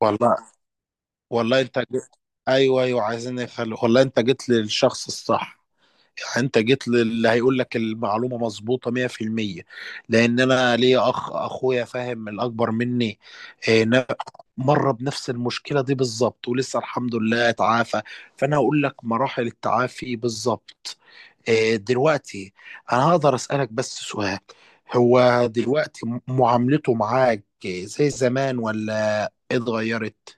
والله والله انت جيت. ايوه، ايوه، عايزين يخلوا. والله انت جيت للشخص الصح. يعني انت جيت للي هيقول لك المعلومه مظبوطه 100%. لان انا ليا اخ، اخويا فاهم الاكبر مني. اه، نا- مر بنفس المشكله دي بالظبط، ولسه الحمد لله اتعافى. فانا هقول لك مراحل التعافي بالظبط. اه، دلوقتي انا هقدر اسالك بس سؤال؟ هو دلوقتي معاملته معاك زي زمان ولا اتغيرت؟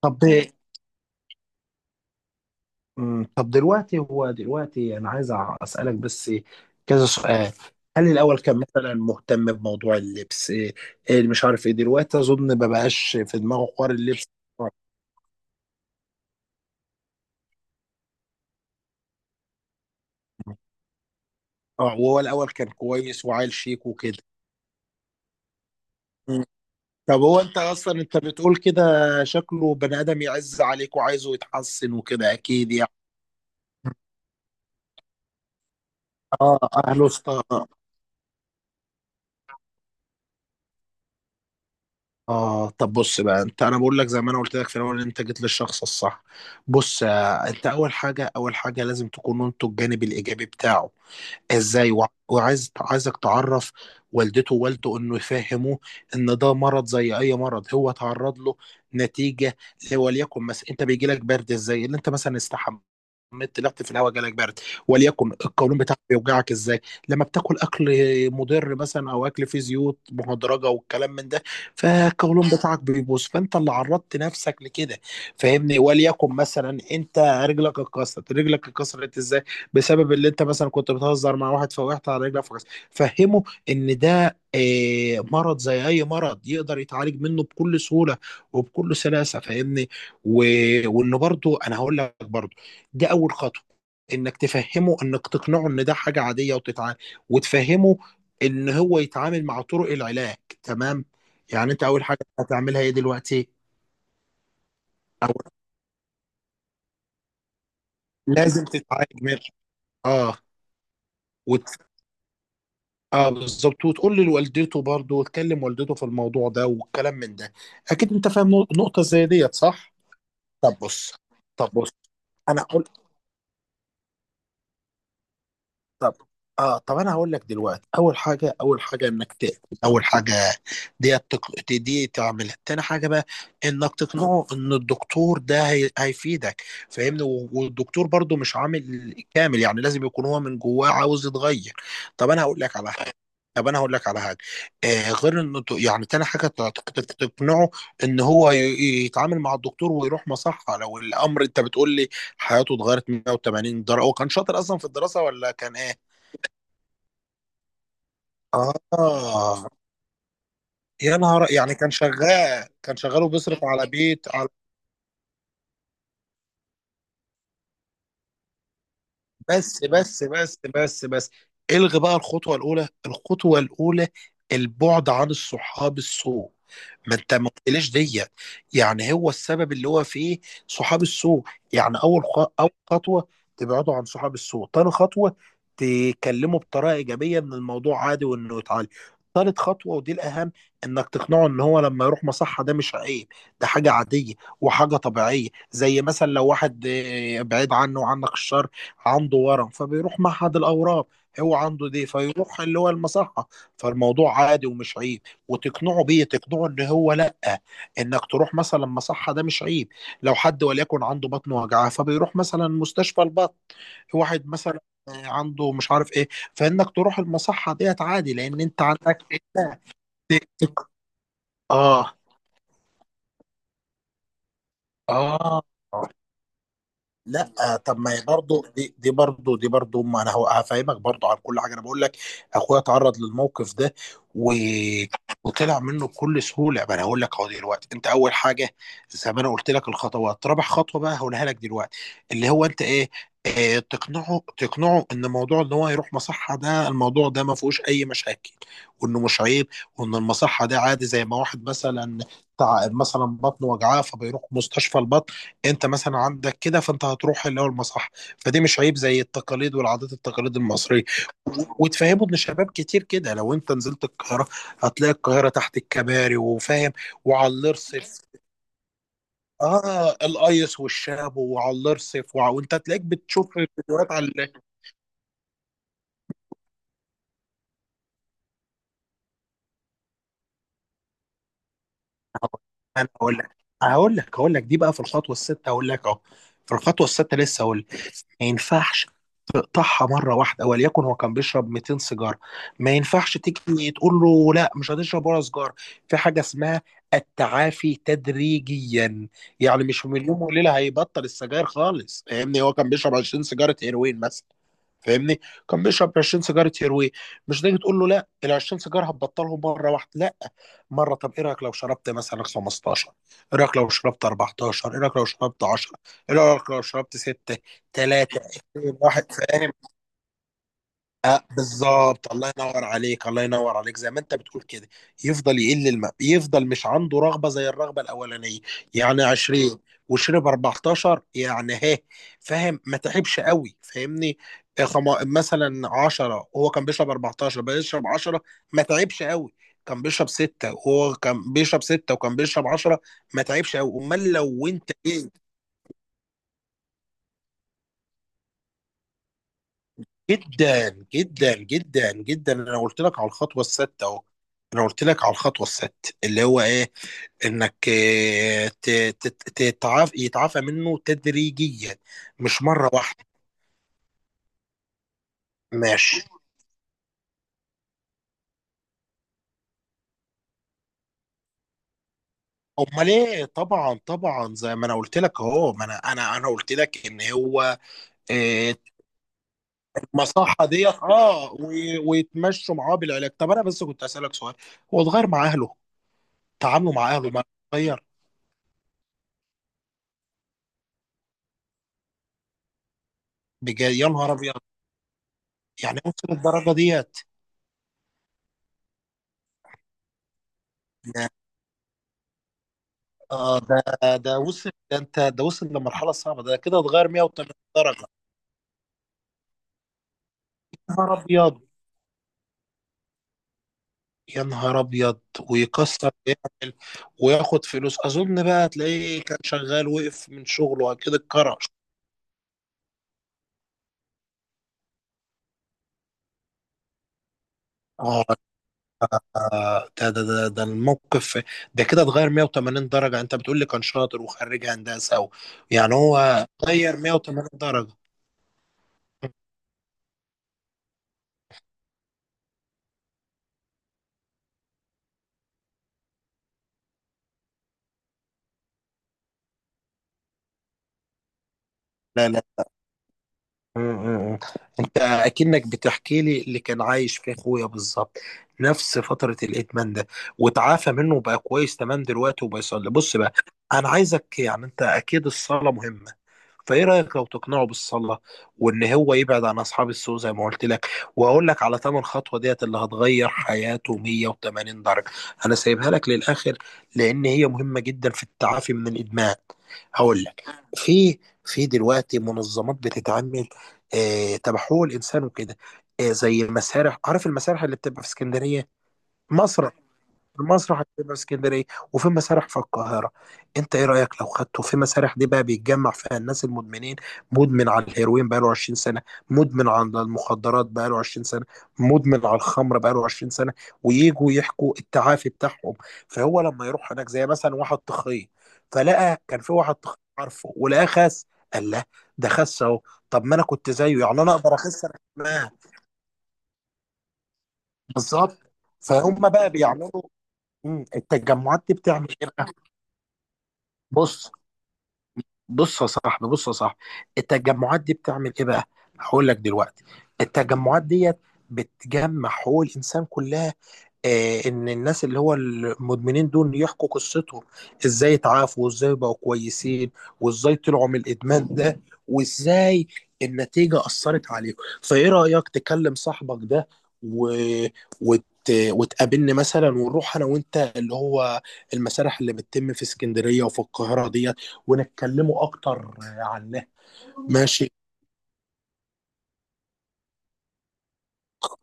طب د- مم، طب دلوقتي هو دلوقتي انا عايز اسالك بس كذا سؤال. هل الاول كان مثلا مهتم بموضوع اللبس إيه مش عارف ايه دلوقتي؟ اظن ما بقاش في دماغه حوار اللبس. اه، وهو الاول كان كويس وعيل شيك وكده. مم. طب هو انت اصلا انت بتقول كده شكله بني ادم يعز عليك وعايزه يتحسن وكده، اكيد يعني. اه. اهله استا- اه، طب بص بقى انت، انا بقول لك زي ما انا قلت لك في الاول ان انت جيت للشخص الصح. بص، انت اول حاجه، اول حاجه لازم تكونوا انتوا الجانب الايجابي بتاعه. ازاي؟ وع- وعايز عايزك تعرف والدته ووالده انه يفهموه ان ده مرض زي اي مرض هو اتعرض له. نتيجه، وليكن مثلا انت بيجي لك برد ازاي؟ اللي انت مثلا استحمى، مت طلعت في الهواء، جالك برد. وليكن القولون بتاعك بيوجعك ازاي؟ لما بتاكل اكل مضر مثلا او اكل فيه زيوت مهدرجه والكلام من ده، فالقولون بتاعك بيبوظ. فانت اللي عرضت نفسك لكده. فاهمني؟ وليكن مثلا انت رجلك اتكسرت. رجلك اتكسرت ازاي؟ بسبب اللي انت مثلا كنت بتهزر مع واحد فوقعت على رجلك فكس. فهمه ان ده مرض زي اي مرض، يقدر يتعالج منه بكل سهوله وبكل سلاسه. فاهمني؟ و... وانه برضو، انا هقول لك برضو، ده اول خطوه، انك تفهمه، انك تقنعه ان ده حاجه عاديه وتتعالج، وتفهمه ان هو يتعامل مع طرق العلاج. تمام؟ يعني انت اول حاجه هتعملها ايه دلوقتي؟ او لازم تتعالج منه. اه. اه، بالظبط. وتقول لي لوالدته برضه، وتكلم والدته في الموضوع ده والكلام من ده. اكيد انت فاهم نقطة زي ديت، صح؟ طب بص طب بص. انا طب اه طب انا هقول لك دلوقتي. اول حاجه، اول حاجه انك تقفل. اول حاجه دي تعملها، تاني حاجه بقى انك تقنعه ان الدكتور ده هيفيدك. فاهمني؟ والدكتور برضو مش عامل كامل، يعني لازم يكون هو من جواه عاوز يتغير. طب انا هقول لك على حاجه. طب انا هقول لك على حاجه غير انه يعني تاني حاجه، تقنعه ان هو يتعامل مع الدكتور ويروح مصحه. لو الامر انت بتقول لي حياته اتغيرت 180 درجة، هو كان شاطر أصلا في الدراسة ولا كان إيه؟ آه يا نهار، يعني كان شغال، كان شغال وبيصرف على بيت، على... بس، بس، بس، بس، بس. الغي بقى الخطوة الأولى. الخطوة الأولى البعد عن الصحاب السوء. ما انت ما قلتليش ديت، يعني هو السبب اللي هو فيه صحاب السوء. يعني أول خطوة تبعدوا عن صحاب السوء. تاني خطوة، تكلموا بطريقة إيجابية إن الموضوع عادي وإنه يتعالج. تالت خطوة ودي الأهم، إنك تقنعه إن هو لما يروح مصحة ده مش عيب، ده حاجة عادية، وحاجة طبيعية. زي مثلا لو واحد بعيد عنه وعنك الشر، عنده ورم فبيروح معهد الاورام. هو عنده دي فيروح اللي هو المصحه. فالموضوع عادي ومش عيب. وتقنعه بيه، تقنعه ان هو لا، انك تروح مثلا مصحه ده مش عيب. لو حد وليكن عنده بطن وجعاه، فبيروح مثلا مستشفى البطن. واحد مثلا عنده مش عارف ايه، فانك تروح المصحه ديت عادي، لان انت عندك. اه. اه. لا، طب ما هي برضه دي برضه ما انا هفهمك برضه عن كل حاجه. انا بقول لك اخويا اتعرض للموقف ده و... وطلع منه بكل سهوله. ما انا هقول لك اهو. دلوقتي انت اول حاجه، زي ما انا قلت لك الخطوات. رابع خطوه بقى هقولها لك دلوقتي، اللي هو انت ايه، تقنعه ان موضوع ان هو يروح مصحه ده، الموضوع ده ما فيهوش اي مشاكل، وانه مش عيب، وان المصحه ده عادي. زي ما واحد مثلا مثلا بطنه وجعاه فبيروح مستشفى البطن. انت مثلا عندك كده، فانت هتروح اللي هو المصح. فدي مش عيب زي التقاليد والعادات، التقاليد المصريه. وتفهموا ان شباب كتير كده. لو انت نزلت القاهره هتلاقي القاهره تحت الكباري وفاهم، وعلى الارصف. اه، الايس والشاب وعلى الارصف، وانت تلاقيك بتشوف فيديوهات على ال-. انا هقول لك دي بقى في الخطوه السادسه، هقول لك اهو. في الخطوه السادسه لسه هقول. ما ينفعش تقطعها مره واحده. وليكن هو كان بيشرب 200 سيجاره، ما ينفعش تيجي تقول له لا مش هتشرب ولا سيجاره. في حاجه اسمها التعافي تدريجيا. يعني مش من يوم وليله هيبطل السجاير خالص. فاهمني؟ هو كان بيشرب 20 سيجاره هيروين مثلا. فاهمني؟ كان بيشرب 20 سيجاره هيروين. مش تيجي تقول له لا، ال 20 سيجاره هتبطلهم مره واحده. لا، مره طب ايه رايك لو شربت مثلا 15؟ ايه رايك لو شربت 14؟ ايه رايك لو شربت 10؟ ايه رايك لو شربت 6؟ 3، 2، 1. فاهم؟ بالظبط. الله ينور عليك. الله ينور عليك. زي ما انت بتقول كده، يفضل يقل الماء، يفضل مش عنده رغبة زي الرغبة الأولانية. يعني 20 وشرب 14 يعني، ها فاهم؟ ما تعبش قوي. فاهمني؟ مثلا 10، وهو كان بيشرب 14 بقى يشرب 10، ما تعبش قوي. كان بيشرب 6، وهو كان بيشرب 6 وكان بيشرب 10، ما تعبش قوي. امال لو انت إيه. جدا، جدا، جدا، جدا. انا قلت لك على الخطوه السادسه اهو. انا قلت لك على الخطوه السادسه اللي هو ايه، انك يتعافى منه تدريجيا، مش مره واحده. ماشي. امال ايه، طبعا، طبعا. زي ما انا قلت لك اهو. ما انا قلت لك ان هو، آه، المصحه ديت، اه، ويتمشوا معاه بالعلاج. طب انا بس كنت اسالك سؤال، هو اتغير مع اهله؟ تعامله مع اهله ما اتغير؟ بجد يا نهار ابيض. يعني وصل للدرجه ديت. ده- ده وصل لمرحله صعبه. ده كده اتغير 180 درجه. يا نهار ابيض. يا نهار ابيض. ويكسر ويعمل وياخد فلوس، اظن. بقى تلاقيه كان شغال وقف من شغله كده اتكرش. اه. ده الموقف. ده كده اتغير 180 درجه، انت بتقول لي كان شاطر وخريج هندسه، يعني هو غير 180 درجه. لا، لا. م- م- م. انت اكنك بتحكي لي اللي كان عايش فيه اخويا بالظبط، نفس فترة الادمان ده. وتعافى منه وبقى كويس تمام دلوقتي وبيصلي. بص بقى، انا عايزك يعني انت اكيد الصلاة مهمة، فايه رايك لو تقنعه بالصلاة، وان هو يبعد عن اصحاب السوء زي ما قلت لك. واقول لك على ثمن خطوة ديت اللي هتغير حياته 180 درجة. انا سايبها لك للاخر، لان هي مهمة جدا في التعافي من الادمان. هقول لك. في في دلوقتي منظمات بتتعمل، تبع حقوق الانسان وكده، زي المسارح، عارف المسارح اللي بتبقى في اسكندريه؟ مصر، المسرح هتبقى اسكندريه، وفي مسارح في القاهره. انت ايه رايك لو خدته في مسارح دي بقى؟ بيتجمع فيها الناس المدمنين. مدمن على الهيروين بقاله 20 سنه. مدمن على المخدرات بقاله 20 سنه. مدمن على الخمر بقاله 20 سنه. ويجوا يحكوا التعافي بتاعهم. فهو لما يروح هناك، زي مثلا واحد تخين فلقى، كان في واحد تخين عارفه ولقاه خس. قال له ده خس اهو. طب ما انا كنت زيه يعني، انا اقدر اخس انا كمان. بالظبط. فهم بقى بيعملوا. التجمعات دي بتعمل ايه؟ بص بص يا صاحبي، التجمعات دي بتعمل ايه بقى؟ هقول لك دلوقتي. التجمعات ديت بتجمع حقوق الانسان كلها، ان الناس اللي هو المدمنين دول يحكوا قصتهم، ازاي اتعافوا وازاي بقوا كويسين، وازاي طلعوا من الادمان ده، وازاي النتيجة أثرت عليهم. فايه رأيك تكلم صاحبك ده و... وت... وتقابلني مثلا، ونروح انا وانت اللي هو المسارح اللي بتتم في اسكندرية وفي القاهرة ديت، ونتكلموا اكتر عنها. ماشي.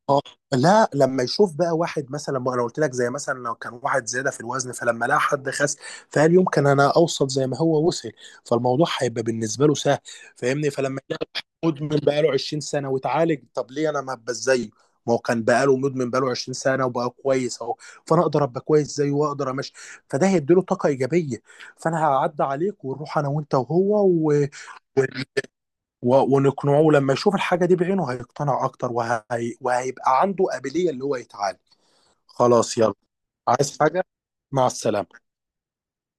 اه. لا، لما يشوف بقى واحد مثلا، ما انا قلت لك زي مثلا لو كان واحد زياده في الوزن فلما لقى حد خس، فقال يمكن انا اوصل زي ما هو وصل، فالموضوع هيبقى بالنسبه له سهل. فاهمني؟ فلما يلاقي واحد مدمن بقى له 20 سنه واتعالج، طب ليه انا ما ابقى زيه؟ ما هو كان بقى له مدمن بقى له 20 سنه وبقى كويس اهو، فانا اقدر ابقى كويس زيه واقدر امشي. فده هيديله طاقه ايجابيه. فانا هعدي عليك ونروح انا وانت وهو، و... ونقنعه. لما يشوف الحاجة دي بعينه هيقتنع أكتر، وهيبقى عنده قابلية اللي هو يتعالج. خلاص يلا. عايز حاجة؟ مع السلامة.